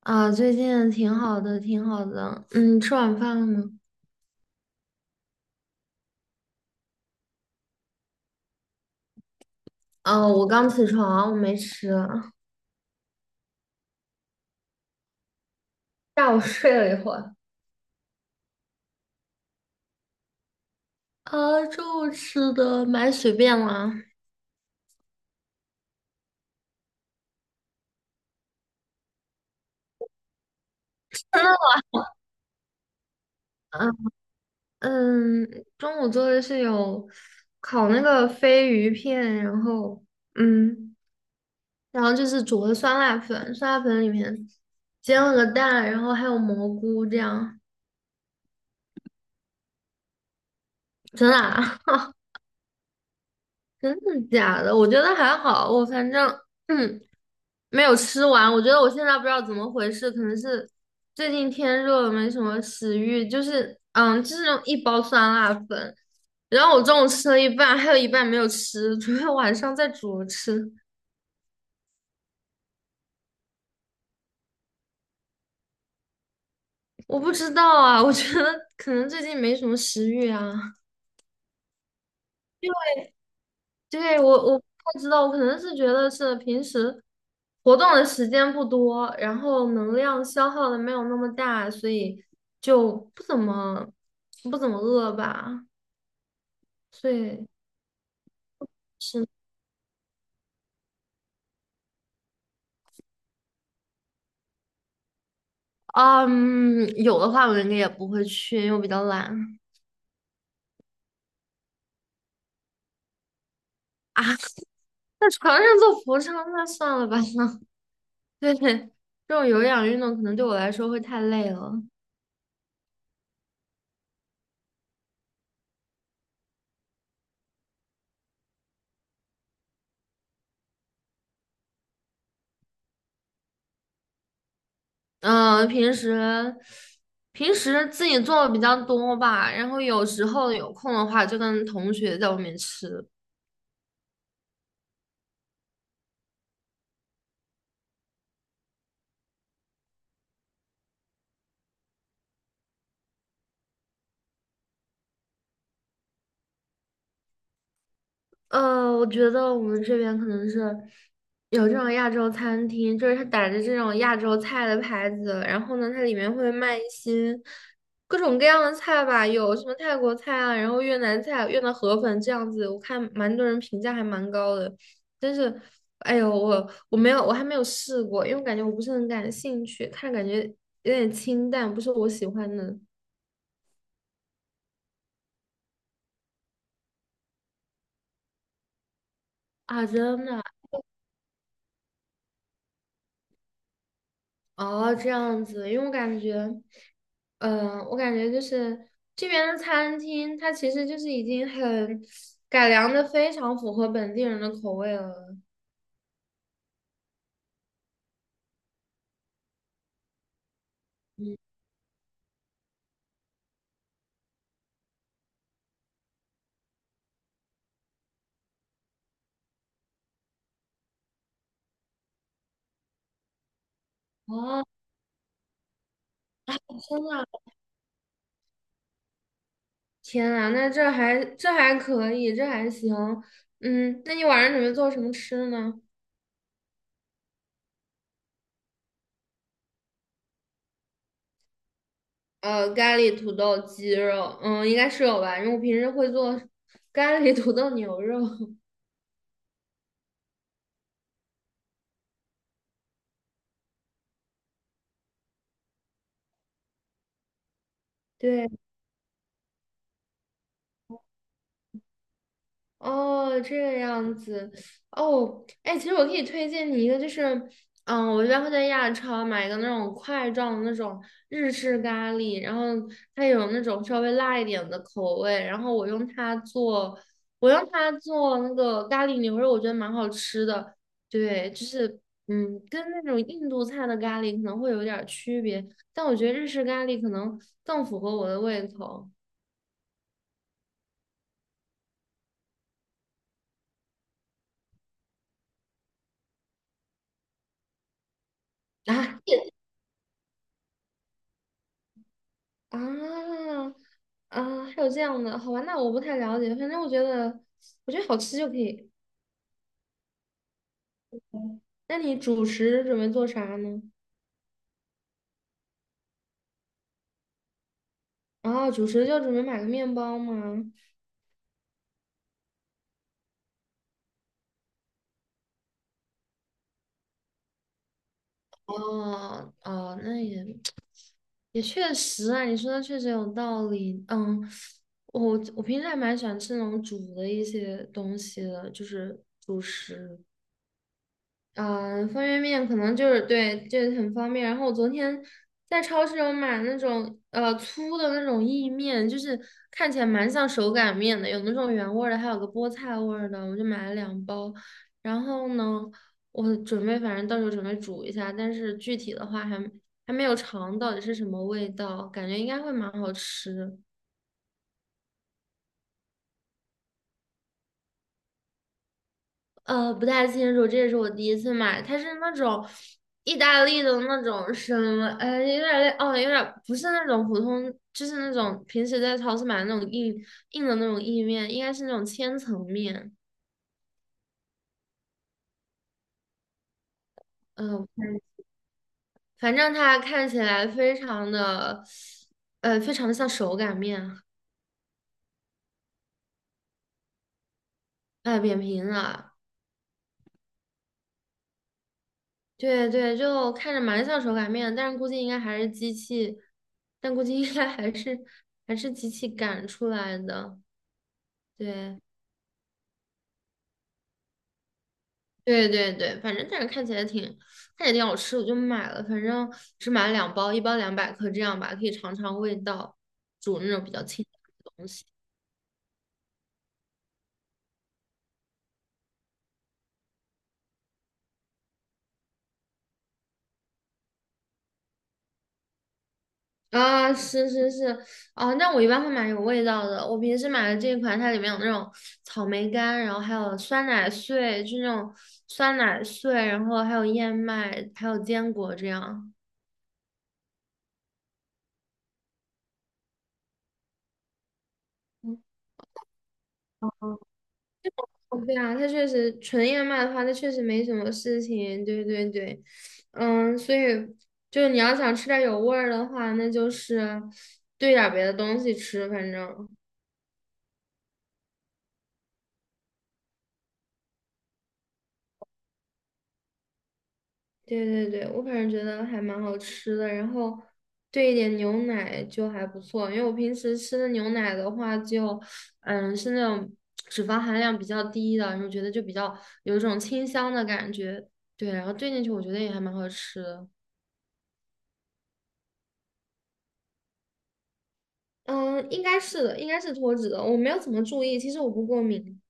啊，最近挺好的，挺好的。嗯，吃晚饭了吗？哦，我刚起床，我没吃。下午睡了一会儿。啊，中午吃的蛮随便啦。嗯嗯，中午做的是有烤那个飞鱼片，然后嗯，然后就是煮的酸辣粉，酸辣粉里面煎了个蛋，然后还有蘑菇这样。真的啊？真的假的？我觉得还好，我反正 嗯没有吃完，我觉得我现在不知道怎么回事，可能是最近天热了，没什么食欲。就是，嗯，就是那种一包酸辣粉，然后我中午吃了一半，还有一半没有吃，准备晚上再煮着吃。我不知道啊，我觉得可能最近没什么食欲啊。对，我不太知道，我可能是觉得是平时活动的时间不多，然后能量消耗的没有那么大，所以就不怎么不怎么饿吧。对，是，嗯，有的话我应该也不会去，因为我比较懒啊。在床上做俯卧撑，那算了吧。对，这种有氧运动可能对我来说会太累了。嗯，平时自己做的比较多吧，然后有时候有空的话就跟同学在外面吃。呃，我觉得我们这边可能是有这种亚洲餐厅，就是它打着这种亚洲菜的牌子，然后呢，它里面会卖一些各种各样的菜吧，有什么泰国菜啊，然后越南菜、越南河粉这样子，我看蛮多人评价还蛮高的，但是，哎呦，我还没有试过，因为我感觉我不是很感兴趣，看着感觉有点清淡，不是我喜欢的啊，真的。哦，这样子，因为我感觉，嗯、我感觉就是这边的餐厅，它其实就是已经很改良的非常符合本地人的口味了。嗯，哦，真的啊天呐，那这还可以，这还行。嗯，那你晚上准备做什么吃呢？呃，咖喱土豆鸡肉，嗯，应该是有吧，因为我平时会做咖喱土豆牛肉。对。哦，这个样子哦，哎，其实我可以推荐你一个，就是，嗯，我一般会在亚超买一个那种块状的那种日式咖喱，然后它有那种稍微辣一点的口味，然后我用它做那个咖喱牛肉，我觉得蛮好吃的。对，就是，嗯，跟那种印度菜的咖喱可能会有点儿区别，但我觉得日式咖喱可能更符合我的胃口。啊啊，还有这样的，好吧，那我不太了解，反正我觉得，我觉得好吃就可以。那你主食准备做啥呢？啊，主食就准备买个面包吗？哦哦，那也也确实啊，你说的确实有道理。嗯，我平时还蛮喜欢吃那种煮的一些东西的，就是主食。嗯，方便面可能就是对，这很方便。然后我昨天在超市有买那种粗的那种意面，就是看起来蛮像手擀面的，有那种原味儿的，还有个菠菜味儿的，我就买了两包。然后呢，我准备反正到时候准备煮一下，但是具体的话还没有尝到底是什么味道，感觉应该会蛮好吃。呃，不太清楚，这也是我第一次买，它是那种意大利的那种什么，呃，有点类，哦，有点不是那种普通，就是那种平时在超市买的那种硬的那种意面，应该是那种千层面，嗯，我看反正它看起来非常的，呃，非常的像手擀面，哎、扁平的，对对，就看着蛮像手擀面，但是估计应该还是机器，但估计应该还是机器擀出来的，对。对对对，反正但是看起来挺好吃，我就买了，反正只买了两包，一包200克这样吧，可以尝尝味道，煮那种比较清淡的东西。啊，是是是，啊，那我一般会买有味道的。我平时买的这一款，它里面有那种草莓干，然后还有酸奶碎，就那种酸奶碎，然后还有燕麦，还有坚果这样。嗯哦对啊，它确实纯燕麦的话，它确实没什么事情。对对对，嗯，所以就是你要想吃点有味儿的话，那就是兑点儿别的东西吃，反正。对对对，我反正觉得还蛮好吃的，然后兑一点牛奶就还不错，因为我平时吃的牛奶的话就，嗯，是那种脂肪含量比较低的，然后觉得就比较有一种清香的感觉，对，然后兑进去我觉得也还蛮好吃的。嗯，应该是的，应该是脱脂的，我没有怎么注意，其实我不过敏。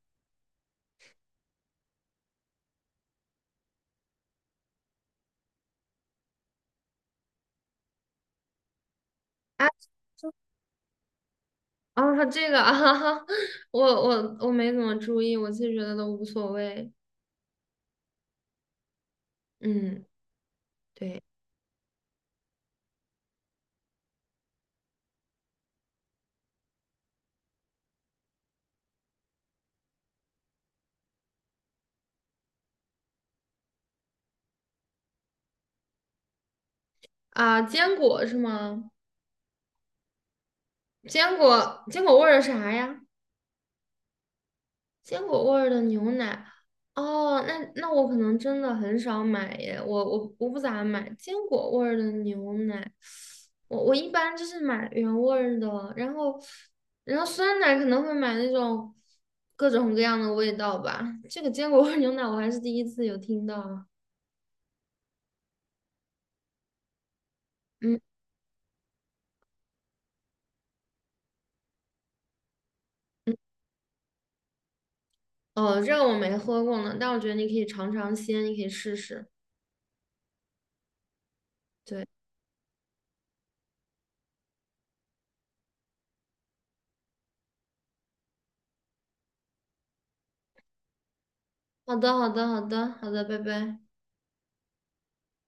啊啊，这个啊，我没怎么注意，我其实觉得都无所谓。嗯，对啊，坚果是吗？坚果味儿啥呀？坚果味儿的牛奶，哦，那那我可能真的很少买耶，我我不咋买坚果味儿的牛奶，我一般就是买原味儿的，然后酸奶可能会买那种各种各样的味道吧，这个坚果味儿牛奶我还是第一次有听到啊，嗯嗯，哦，这个我没喝过呢，但我觉得你可以尝尝鲜，你可以试试，对，好的好的好的好的，拜拜。